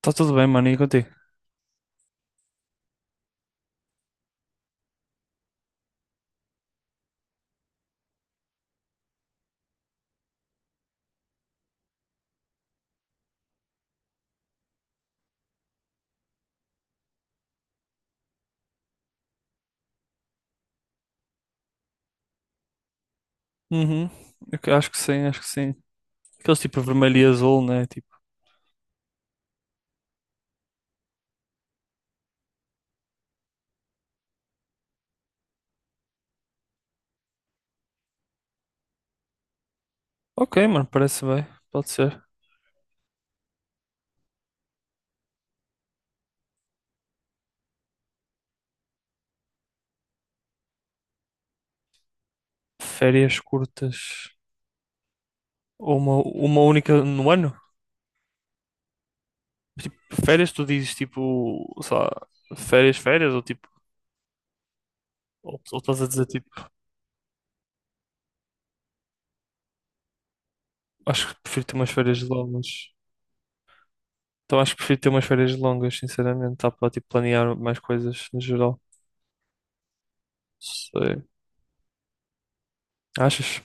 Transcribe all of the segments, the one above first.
Tá tudo bem, mano, e contigo? Uhum. Acho que sim, acho que sim. Aqueles tipo vermelho e azul, né? Tipo, ok, mano, parece bem. Pode ser. Férias curtas. Ou uma única no ano? Tipo, férias, tu dizes tipo, sei lá, férias, férias, ou tipo, ou estás a dizer tipo, acho que prefiro ter umas férias longas. Então acho que prefiro ter umas férias longas, sinceramente, dá para tipo planear mais coisas no geral. Sei. Achas?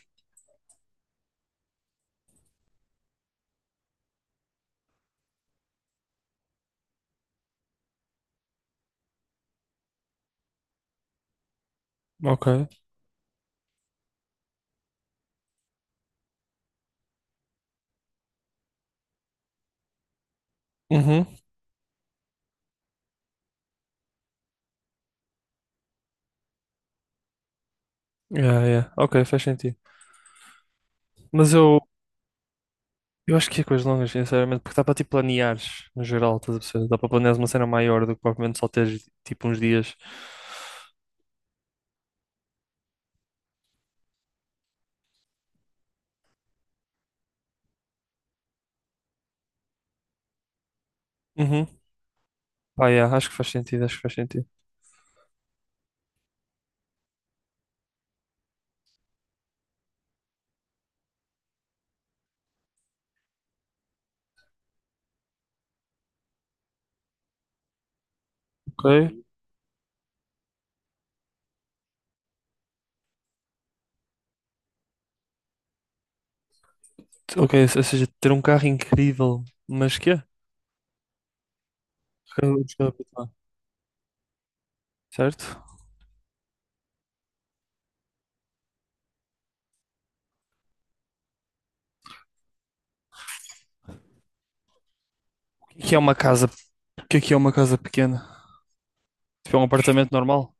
Ok. Uhum. Yeah, yeah. Ok, faz sentido. Mas eu acho que é coisas longas, sinceramente, porque dá para tipo planeares no geral, estás a perceber? Dá para planeares uma cena maior do que propriamente só teres tipo uns dias. Uhum. Pá, yeah, acho que faz sentido, acho que faz sentido. Ok, ok, ou seja, ter um carro incrível, mas que é? Carro de escape, tá. Certo? O que é uma casa? O que é uma casa pequena? Tipo, é um apartamento normal?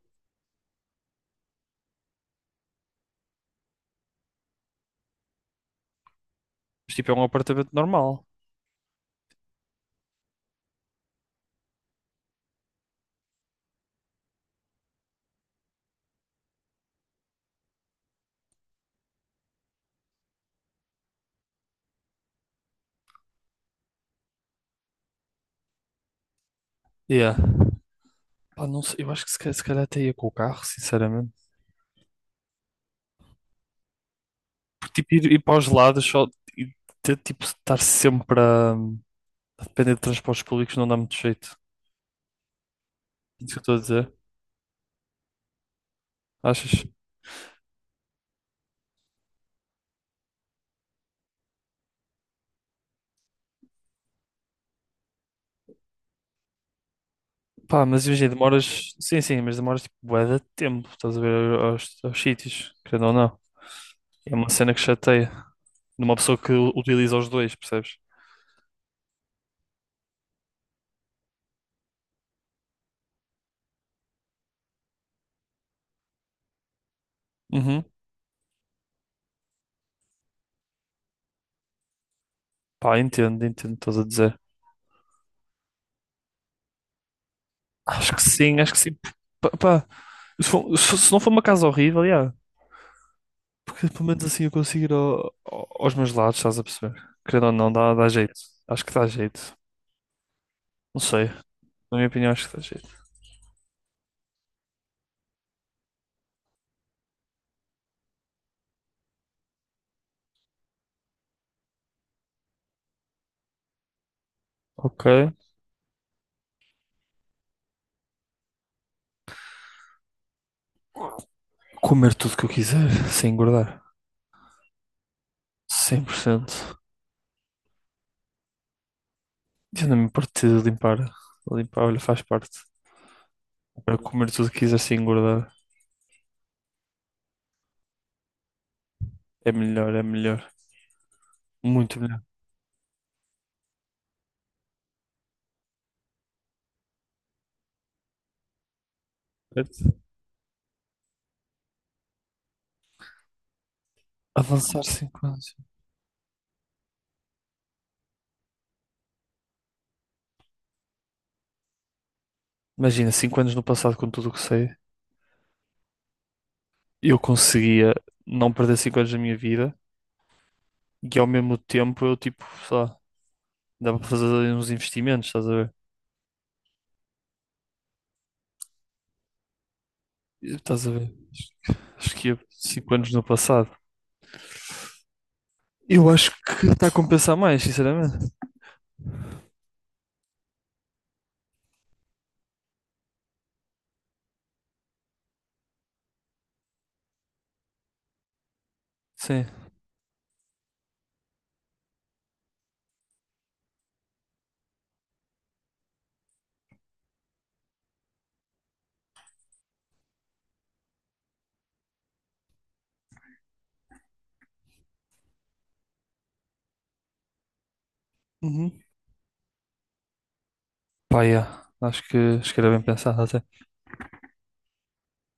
Mas tipo, é um apartamento normal. Yeah. Pá, não sei, eu acho que se calhar até ia com o carro, sinceramente. Porque tipo, ir para os lados só e ter, tipo, estar sempre a depender de transportes públicos não dá muito jeito. É isso que eu estou a dizer. Achas? Pá, mas imagina, demoras. Sim, sim, mas demoras tipo bué de tempo, estás a ver aos sítios, querendo ou não. É uma cena que chateia. De uma pessoa que utiliza os dois, percebes? Uhum. Pá, entendo, entendo o que estás a dizer. Acho que sim, acho que sim. Pá, pá, se não for uma casa horrível, yeah. Porque pelo menos assim eu consigo ir aos meus lados, estás a perceber? Querendo ou não, dá jeito. Acho que dá jeito. Não sei. Na minha opinião, acho que dá jeito. Ok. Comer tudo que eu quiser, sem engordar. Cem por cento. Eu não me importo de limpar. Limpar, olha, faz parte. Para comer tudo que quiser sem engordar. É melhor, é melhor. Muito melhor. Certo? Avançar 5 anos. Imagina, 5 anos no passado, com tudo o que sei, eu conseguia não perder 5 anos da minha vida e ao mesmo tempo eu, tipo, sei lá, dava para fazer ali uns investimentos, estás a ver? Estás a ver? Acho que ia 5 anos no passado. Eu acho que está a compensar mais, sinceramente. Sim. Uhum. Pá, yeah. Acho que era bem pensado até.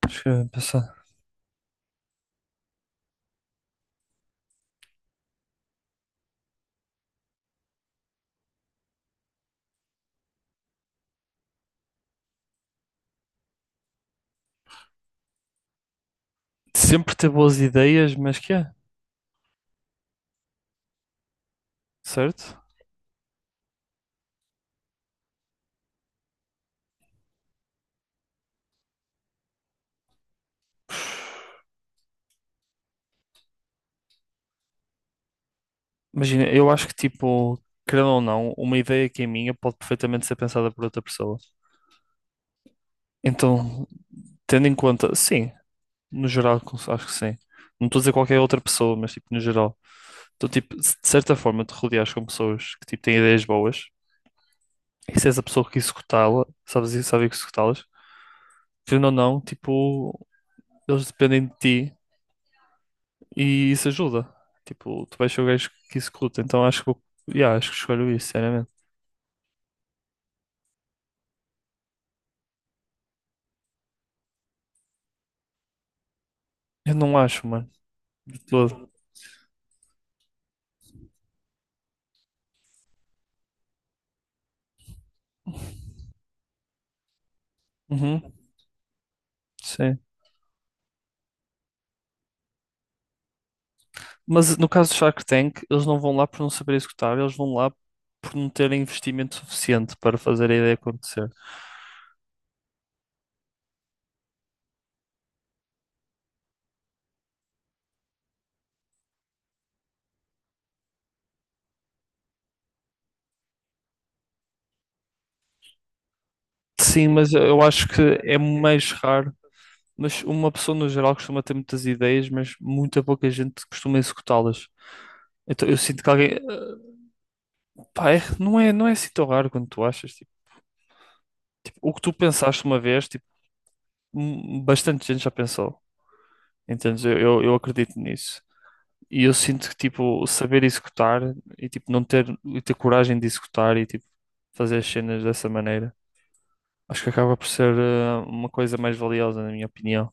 Acho que é pensar. Sempre ter boas ideias, mas que é, certo? Imagina, eu acho que, tipo, querendo ou não, uma ideia que é minha pode perfeitamente ser pensada por outra pessoa. Então, tendo em conta, sim, no geral, acho que sim. Não estou a dizer qualquer outra pessoa, mas, tipo, no geral. Então, tipo, se de certa forma te rodeares com pessoas que, tipo, têm ideias boas, e se és a pessoa que executá-la, sabes executá-las, querendo ou não, tipo, eles dependem de ti. E isso ajuda. Tipo, tu vais ser o gajo que executa. Então acho que, yeah, acho que escolho isso, sinceramente. Eu não acho, mano. De todo. Uhum, sim. Mas no caso do Shark Tank, eles não vão lá por não saber executar, eles vão lá por não terem investimento suficiente para fazer a ideia acontecer. Sim, mas eu acho que é mais raro. Mas uma pessoa no geral costuma ter muitas ideias, mas muita pouca gente costuma executá-las. Então eu sinto que alguém. Pá, não é, não é assim tão raro quanto tu achas. tipo, o que tu pensaste uma vez, tipo, bastante gente já pensou. Entendes? Eu acredito nisso. E eu sinto que, tipo, saber executar e, tipo, não ter, e ter coragem de executar e, tipo, fazer as cenas dessa maneira. Acho que acaba por ser uma coisa mais valiosa, na minha opinião.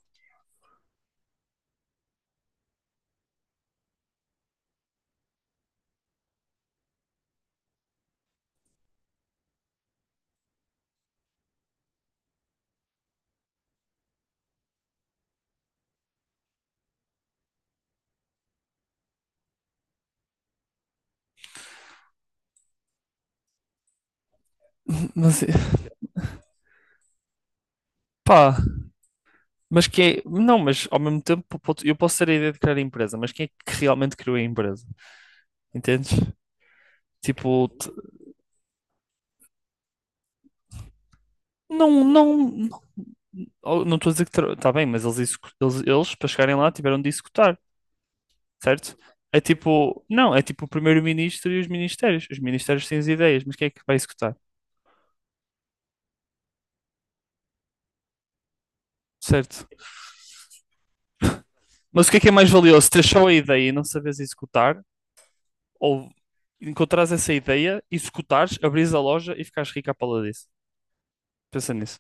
Mas, pá, mas quem é... Não, mas ao mesmo tempo eu posso ter a ideia de criar a empresa, mas quem é que realmente criou a empresa? Entendes? Tipo, não, não, não, oh, não estou a dizer que está bem, mas eles, para chegarem lá, tiveram de executar, certo? É tipo, não, é tipo o primeiro-ministro e os ministérios. Os ministérios têm as ideias, mas quem é que vai executar? Certo. Mas o que é mais valioso? Ter só a ideia e não saberes executar? Ou encontrares essa ideia, executares, abrires a loja e ficares rico à pala disso? Pensa nisso.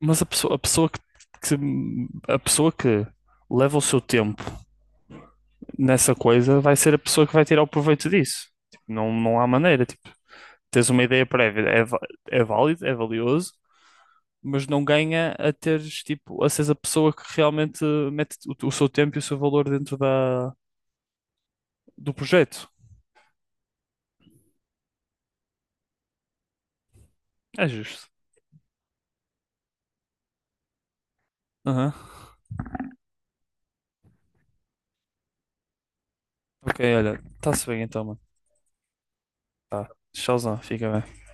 Mas que- a pessoa que leva o seu tempo nessa coisa vai ser a pessoa que vai tirar o proveito disso. Tipo, não, não há maneira. Tipo, tens uma ideia prévia, é válido, é valioso, mas não ganha a teres, tipo, a seres a pessoa que realmente mete o seu tempo e o seu valor dentro do projeto. É justo. Aham. Ok, olha, tá se bem então, mano. Tá. Tchauzão, fica bem.